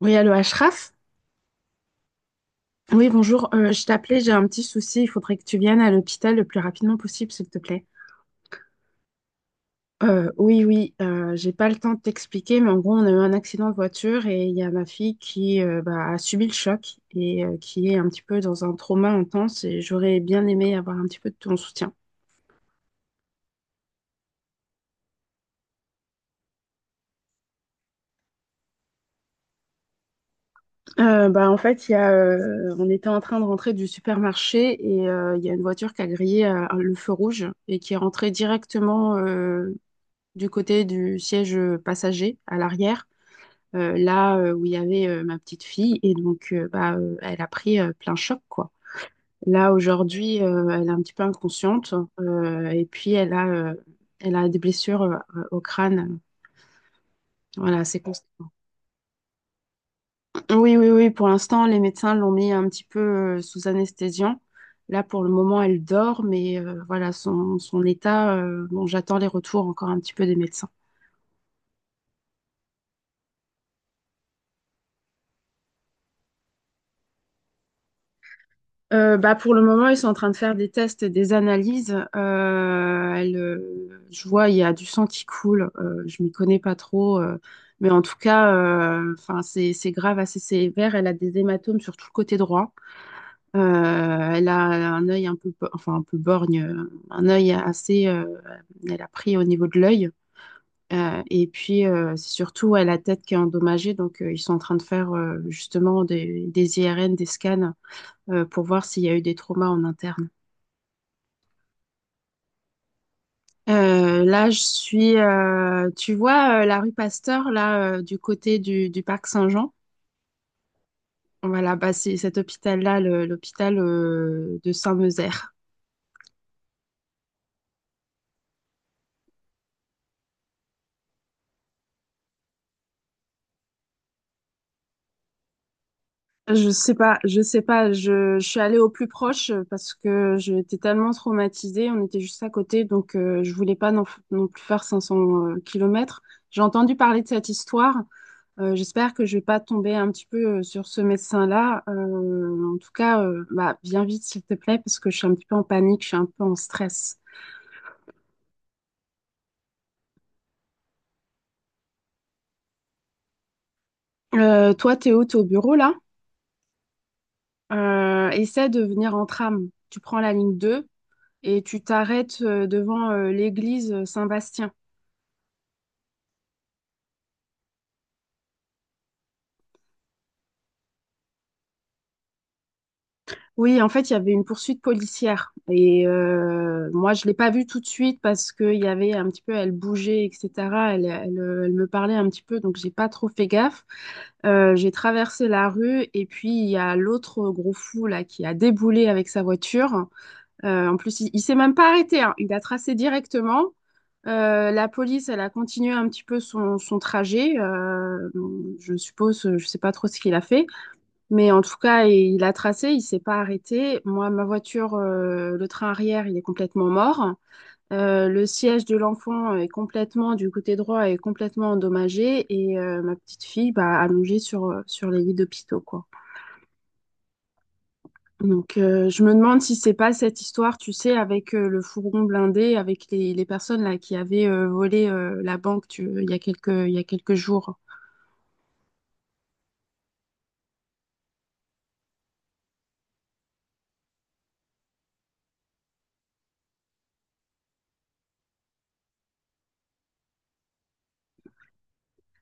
Oui, allô, Ashraf? Oui, bonjour. Je t'appelais, j'ai un petit souci. Il faudrait que tu viennes à l'hôpital le plus rapidement possible, s'il te plaît. Oui, oui, j'ai pas le temps de t'expliquer, mais en gros, on a eu un accident de voiture et il y a ma fille qui bah, a subi le choc et qui est un petit peu dans un trauma intense et j'aurais bien aimé avoir un petit peu de ton soutien. Bah, en fait, il y a, on était en train de rentrer du supermarché et il y a une voiture qui a grillé le feu rouge et qui est rentrée directement du côté du siège passager à l'arrière, là où il y avait ma petite fille. Et donc, bah, elle a pris plein choc, quoi. Là, aujourd'hui, elle est un petit peu inconsciente. Et puis, elle a, elle a des blessures au crâne. Voilà, c'est constant. Oui, oui, oui. Pour l'instant, les médecins l'ont mis un petit peu sous anesthésiant. Là, pour le moment, elle dort, mais voilà, son état, bon, j'attends les retours encore un petit peu des médecins. Bah pour le moment, ils sont en train de faire des tests et des analyses. Elle, je vois, il y a du sang qui coule. Je m'y connais pas trop, mais en tout cas, enfin, c'est grave, assez sévère. Elle a des hématomes sur tout le côté droit. Elle a un œil un peu, enfin un peu borgne, un œil assez. Elle a pris au niveau de l'œil. Et puis, c'est surtout, elle a la tête qui est endommagée. Donc, ils sont en train de faire justement des IRN, des scans pour voir s'il y a eu des traumas en interne. Là, je suis, tu vois, la rue Pasteur, là, du côté du parc Saint-Jean. Voilà, bah, c'est cet hôpital-là, l'hôpital de Saint-Meuzert. Je sais pas, je sais pas, je suis allée au plus proche parce que j'étais tellement traumatisée, on était juste à côté, donc je voulais pas non, non plus faire 500 kilomètres. J'ai entendu parler de cette histoire. J'espère que je vais pas tomber un petit peu sur ce médecin-là. En tout cas, bah, viens vite, s'il te plaît, parce que je suis un petit peu en panique, je suis un peu en stress. Toi, Théo, t'es au bureau là. Essaie de venir en tram. Tu prends la ligne 2 et tu t'arrêtes devant l'église Saint-Bastien. Oui, en fait, il y avait une poursuite policière. Et moi, je l'ai pas vue tout de suite parce qu'il y avait un petit peu, elle bougeait, etc. Elle me parlait un petit peu, donc j'ai pas trop fait gaffe. J'ai traversé la rue et puis il y a l'autre gros fou là qui a déboulé avec sa voiture. En plus, il s'est même pas arrêté, hein. Il a tracé directement. La police, elle a continué un petit peu son trajet. Je suppose, je sais pas trop ce qu'il a fait. Mais en tout cas, il a tracé, il s'est pas arrêté. Moi, ma voiture, le train arrière, il est complètement mort. Le siège de l'enfant est complètement, du côté droit, est complètement endommagé. Et ma petite fille, bah, allongée sur, sur les lits d'hôpitaux, quoi. Donc, je me demande si c'est pas cette histoire, tu sais, avec le fourgon blindé, avec les personnes là qui avaient volé la banque il y a quelques jours.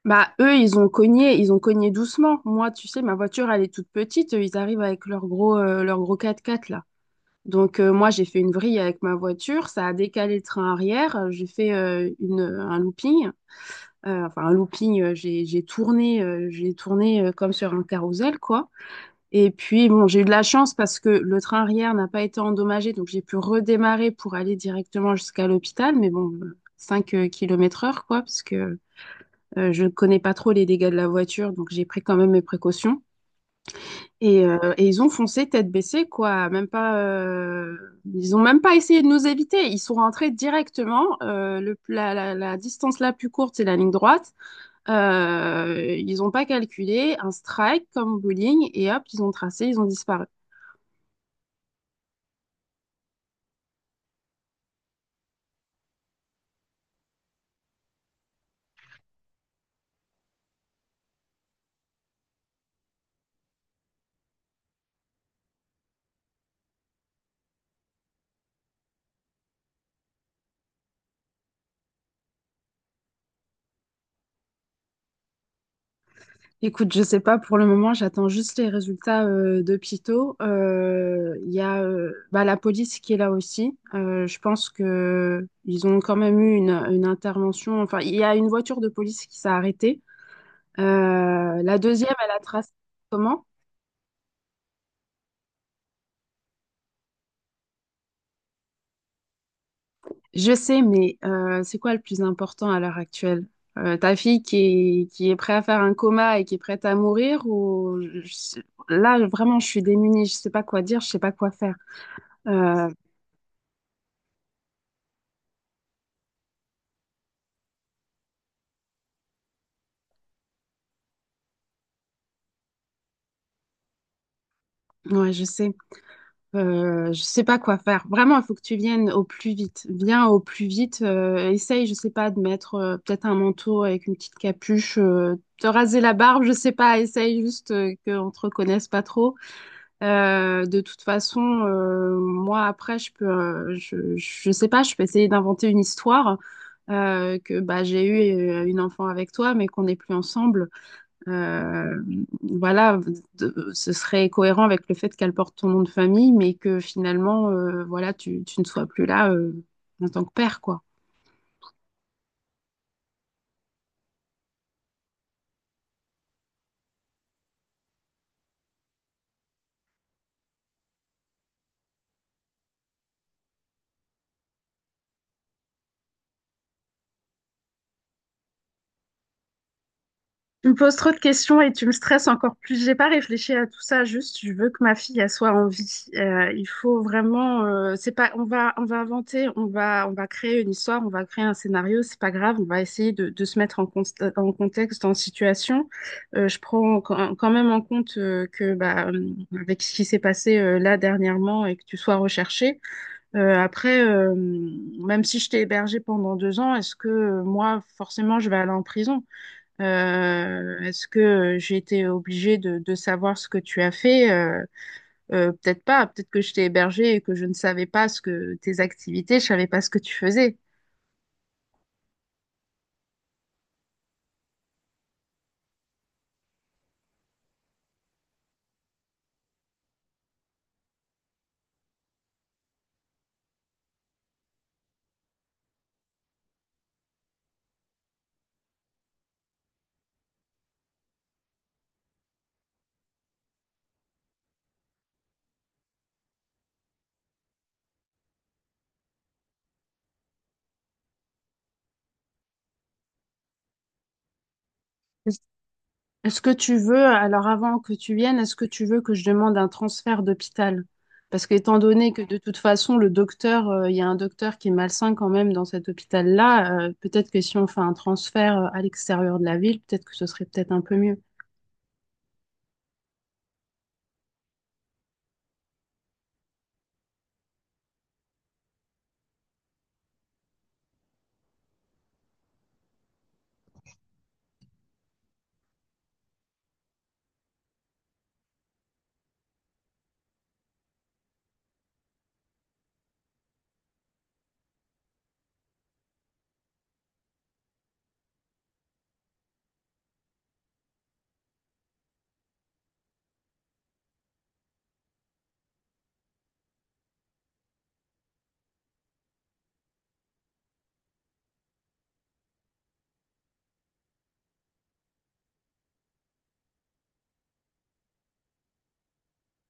Bah, eux, ils ont cogné doucement. Moi, tu sais, ma voiture, elle est toute petite. Eux, ils arrivent avec leur gros 4x4, là. Donc, moi, j'ai fait une vrille avec ma voiture. Ça a décalé le train arrière. J'ai fait un looping. Enfin, un looping, j'ai tourné comme sur un carrousel, quoi. Et puis, bon, j'ai eu de la chance parce que le train arrière n'a pas été endommagé. Donc, j'ai pu redémarrer pour aller directement jusqu'à l'hôpital. Mais bon, 5 km/h, quoi, parce que... je ne connais pas trop les dégâts de la voiture, donc j'ai pris quand même mes précautions. Et ils ont foncé tête baissée, quoi. Même pas, ils ont même pas essayé de nous éviter. Ils sont rentrés directement. La distance la plus courte, c'est la ligne droite. Ils n'ont pas calculé un strike comme bowling et hop, ils ont tracé, ils ont disparu. Écoute, je sais pas pour le moment, j'attends juste les résultats de Pito. Il y a bah, la police qui est là aussi. Je pense que ils ont quand même eu une intervention. Enfin, il y a une voiture de police qui s'est arrêtée. La deuxième, elle a tracé comment? Je sais, mais c'est quoi le plus important à l'heure actuelle? Ta fille qui est prête à faire un coma et qui est prête à mourir ou là vraiment je suis démunie, je sais pas quoi dire, je sais pas quoi faire. Euh, ouais, je sais. Je sais pas quoi faire. Vraiment, il faut que tu viennes au plus vite. Viens au plus vite. Essaye, je sais pas, de mettre peut-être un manteau avec une petite capuche, te raser la barbe, je sais pas. Essaye juste qu'on te reconnaisse pas trop. De toute façon, moi après, je peux, je sais pas, je peux essayer d'inventer une histoire que bah j'ai eu une enfant avec toi, mais qu'on n'est plus ensemble. Euh, voilà, ce serait cohérent avec le fait qu'elle porte ton nom de famille, mais que finalement, voilà, tu ne sois plus là, en tant que père, quoi. Tu me poses trop de questions et tu me stresses encore plus. J'ai pas réfléchi à tout ça, juste je veux que ma fille elle soit en vie. Il faut vraiment c'est pas on va inventer, on va créer une histoire, on va créer un scénario, c'est pas grave, on va essayer de se mettre en, en contexte, en situation. Je prends quand même en compte que bah avec ce qui s'est passé là dernièrement et que tu sois recherché. Après même si je t'ai hébergé pendant 2 ans, est-ce que moi forcément je vais aller en prison? Est-ce que j'ai été obligée de savoir ce que tu as fait? Peut-être pas. Peut-être que je t'ai hébergée et que je ne savais pas ce que tes activités, je savais pas ce que tu faisais. Est-ce que tu veux, alors avant que tu viennes, est-ce que tu veux que je demande un transfert d'hôpital? Parce qu'étant donné que de toute façon, le docteur, il y a un docteur qui est malsain quand même dans cet hôpital-là, peut-être que si on fait un transfert à l'extérieur de la ville, peut-être que ce serait peut-être un peu mieux.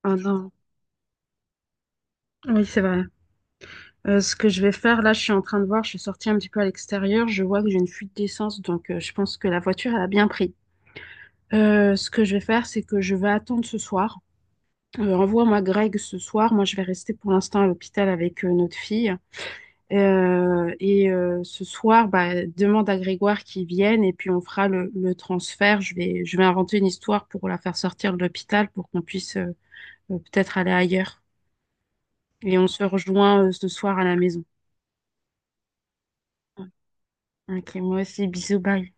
Ah non, oui, c'est vrai. Ce que je vais faire, là, je suis en train de voir, je suis sortie un petit peu à l'extérieur, je vois que j'ai une fuite d'essence, donc je pense que la voiture, elle a bien pris. Ce que je vais faire, c'est que je vais attendre ce soir. Envoie-moi Greg ce soir. Moi, je vais rester pour l'instant à l'hôpital avec notre fille. Et ce soir, bah, demande à Grégoire qu'il vienne et puis on fera le transfert. Je vais inventer une histoire pour la faire sortir de l'hôpital pour qu'on puisse peut-être aller ailleurs. Et on se rejoint ce soir à la maison. Ok, moi aussi, bisous, bye.